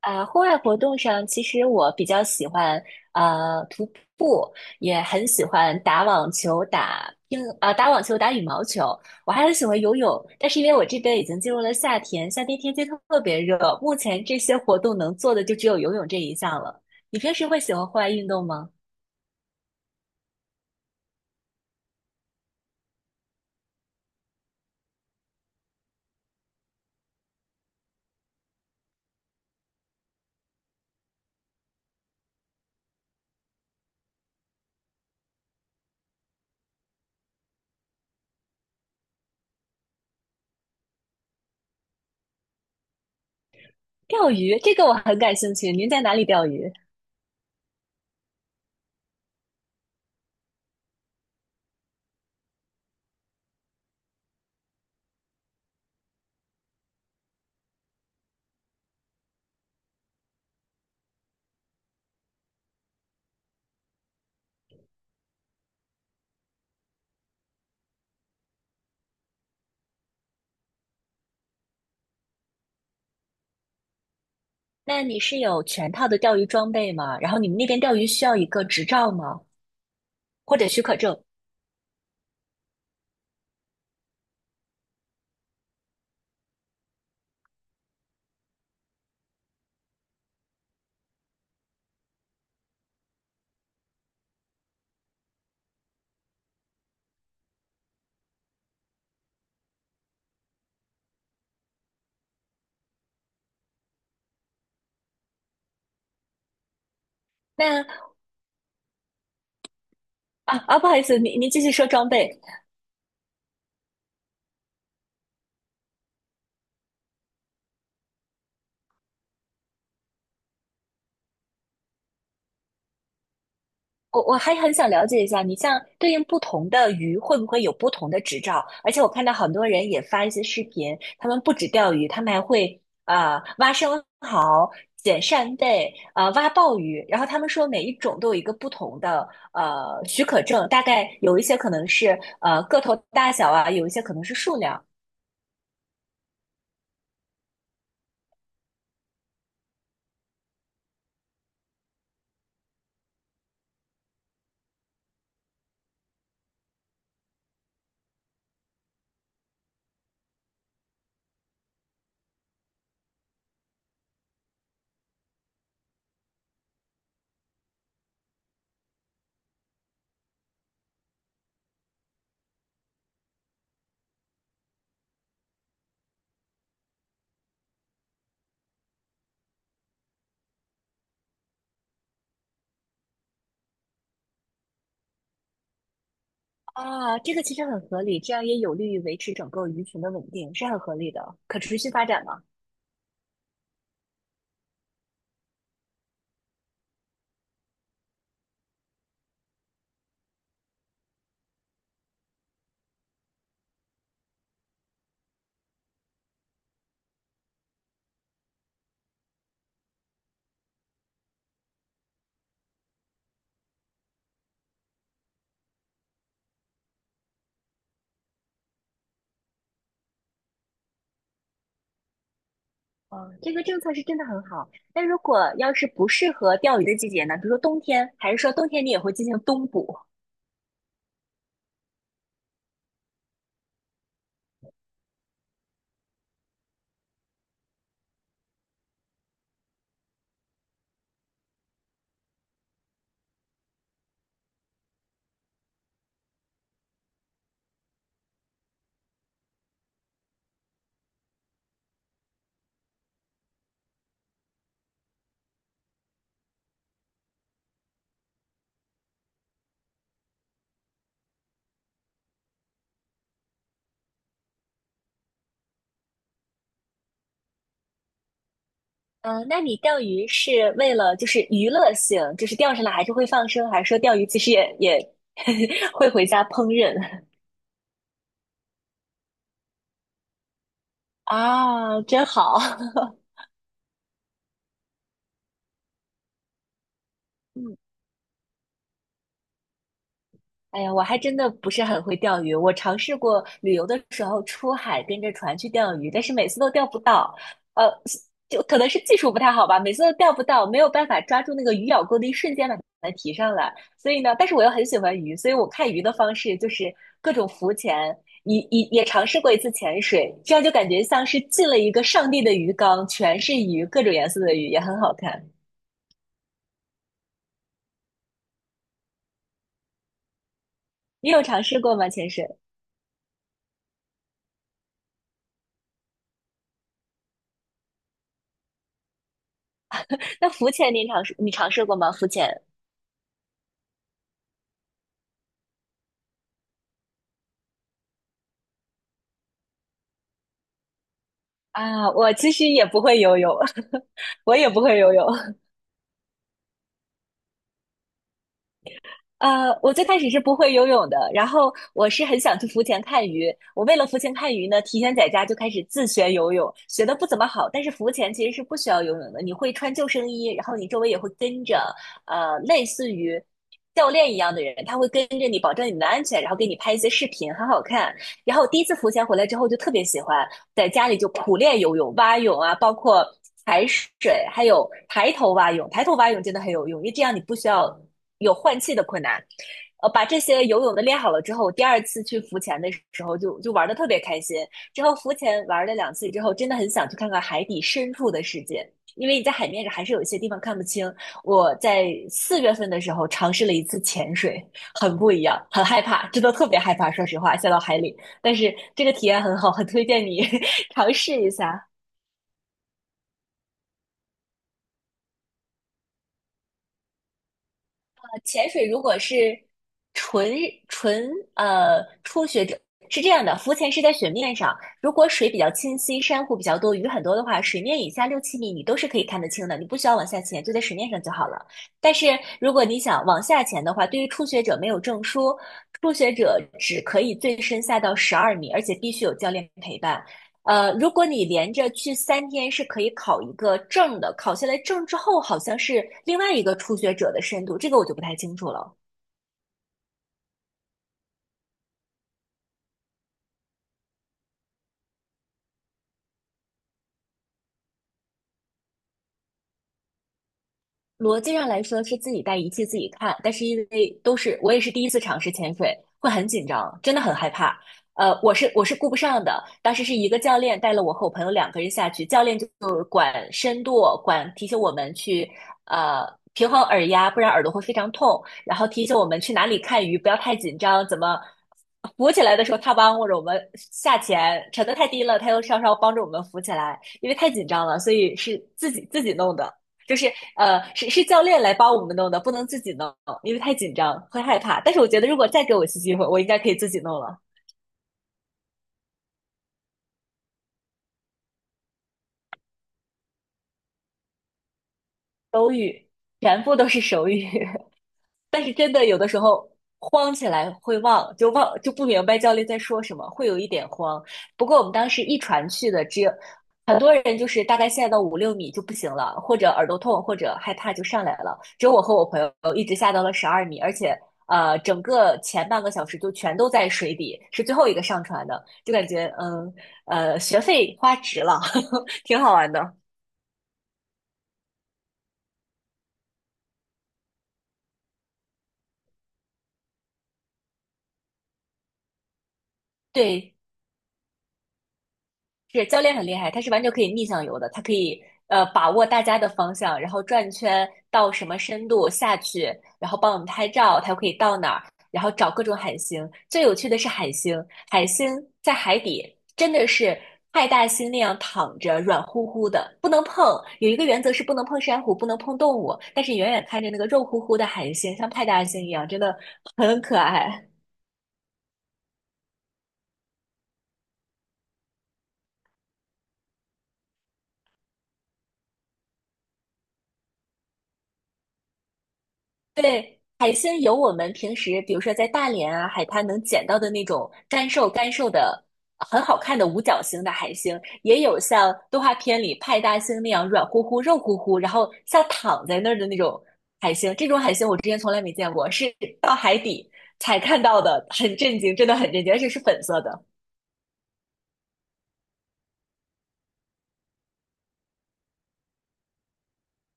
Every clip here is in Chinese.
啊，户外活动上，其实我比较喜欢徒步，也很喜欢打网球、打网球、打羽毛球。我还很喜欢游泳，但是因为我这边已经进入了夏天，夏天天气特别热，目前这些活动能做的就只有游泳这一项了。你平时会喜欢户外运动吗？钓鱼，这个我很感兴趣。您在哪里钓鱼？那你是有全套的钓鱼装备吗？然后你们那边钓鱼需要一个执照吗？或者许可证？那？不好意思，您继续说装备。我还很想了解一下，你像对应不同的鱼会不会有不同的执照？而且我看到很多人也发一些视频，他们不止钓鱼，他们还会挖生蚝、捡扇贝、挖鲍鱼。然后他们说每一种都有一个不同的许可证，大概有一些可能是个头大小啊，有一些可能是数量啊。这个其实很合理，这样也有利于维持整个鱼群的稳定，是很合理的，可持续发展嘛。哦，这个政策是真的很好。那如果要是不适合钓鱼的季节呢？比如说冬天，还是说冬天你也会进行冬捕？嗯，那你钓鱼是为了就是娱乐性，就是钓上来还是会放生，还是说钓鱼其实也 会回家烹饪？啊，真好。哎呀，我还真的不是很会钓鱼。我尝试过旅游的时候出海跟着船去钓鱼，但是每次都钓不到。呃，就可能是技术不太好吧，每次都钓不到，没有办法抓住那个鱼咬钩的一瞬间把它提上来。所以呢，但是我又很喜欢鱼，所以我看鱼的方式就是各种浮潜，也尝试过一次潜水，这样就感觉像是进了一个上帝的鱼缸，全是鱼，各种颜色的鱼，也很好看。你有尝试过吗？潜水？那浮潜你尝试过吗？浮潜？啊，我其实也不会游泳，我也不会游泳。我最开始是不会游泳的，然后我是很想去浮潜看鱼。我为了浮潜看鱼呢，提前在家就开始自学游泳，学的不怎么好，但是浮潜其实是不需要游泳的，你会穿救生衣，然后你周围也会跟着，类似于教练一样的人，他会跟着你，保证你的安全，然后给你拍一些视频，很好看。然后第一次浮潜回来之后就特别喜欢，在家里就苦练游泳、蛙泳啊，包括踩水，还有抬头蛙泳。抬头蛙泳真的很有用，因为这样你不需要有换气的困难。把这些游泳的练好了之后，第二次去浮潜的时候就玩的特别开心。之后浮潜玩了2次之后，真的很想去看看海底深处的世界，因为你在海面上还是有一些地方看不清。我在4月份的时候尝试了一次潜水，很不一样，很害怕，真的特别害怕，说实话，下到海里。但是这个体验很好，很推荐你尝试一下。潜水如果是纯纯初学者，是这样的，浮潜是在水面上，如果水比较清晰，珊瑚比较多，鱼很多的话，水面以下六七米你都是可以看得清的，你不需要往下潜，就在水面上就好了。但是如果你想往下潜的话，对于初学者没有证书，初学者只可以最深下到十二米，而且必须有教练陪伴。如果你连着去3天是可以考一个证的，考下来证之后好像是另外一个初学者的深度，这个我就不太清楚了。逻辑上来说是自己带仪器自己看，但是因为都是我也是第一次尝试潜水，会很紧张，真的很害怕。我是顾不上的。当时是一个教练带了我和我朋友两个人下去，教练就管深度，管提醒我们去呃平衡耳压，不然耳朵会非常痛。然后提醒我们去哪里看鱼，不要太紧张，怎么浮起来的时候他帮或者我们下潜，沉得太低了，他又稍稍帮着我们浮起来，因为太紧张了，所以是自己弄的。就是是教练来帮我们弄的，不能自己弄，因为太紧张会害怕。但是我觉得，如果再给我一次机会，我应该可以自己弄了。手语全部都是手语，但是真的有的时候慌起来会忘，就忘就不明白教练在说什么，会有一点慌。不过我们当时一传去的，只有很多人就是大概下到五六米就不行了，或者耳朵痛，或者害怕就上来了。只有我和我朋友一直下到了十二米，而且整个前半个小时就全都在水底，是最后一个上船的，就感觉学费花值了，挺好玩的。对，是教练很厉害，他是完全可以逆向游的，他可以把握大家的方向，然后转圈到什么深度下去，然后帮我们拍照，他又可以到哪儿，然后找各种海星。最有趣的是海星，海星在海底真的是派大星那样躺着，软乎乎的，不能碰。有一个原则是不能碰珊瑚，不能碰动物，但是远远看着那个肉乎乎的海星，像派大星一样，真的很可爱。对，海星有我们平时，比如说在大连啊海滩能捡到的那种干瘦干瘦的、很好看的五角星的海星，也有像动画片里派大星那样软乎乎、肉乎乎，然后像躺在那儿的那种海星。这种海星我之前从来没见过，是到海底才看到的，很震惊，真的很震惊，而且是粉色的。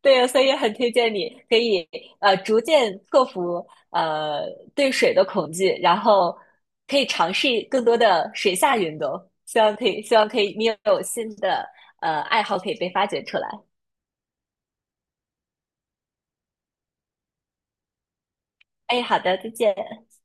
对呀，所以很推荐你可以逐渐克服对水的恐惧，然后可以尝试更多的水下运动。希望可以，希望可以，你有新的爱好可以被发掘出来。哎，好的，再见。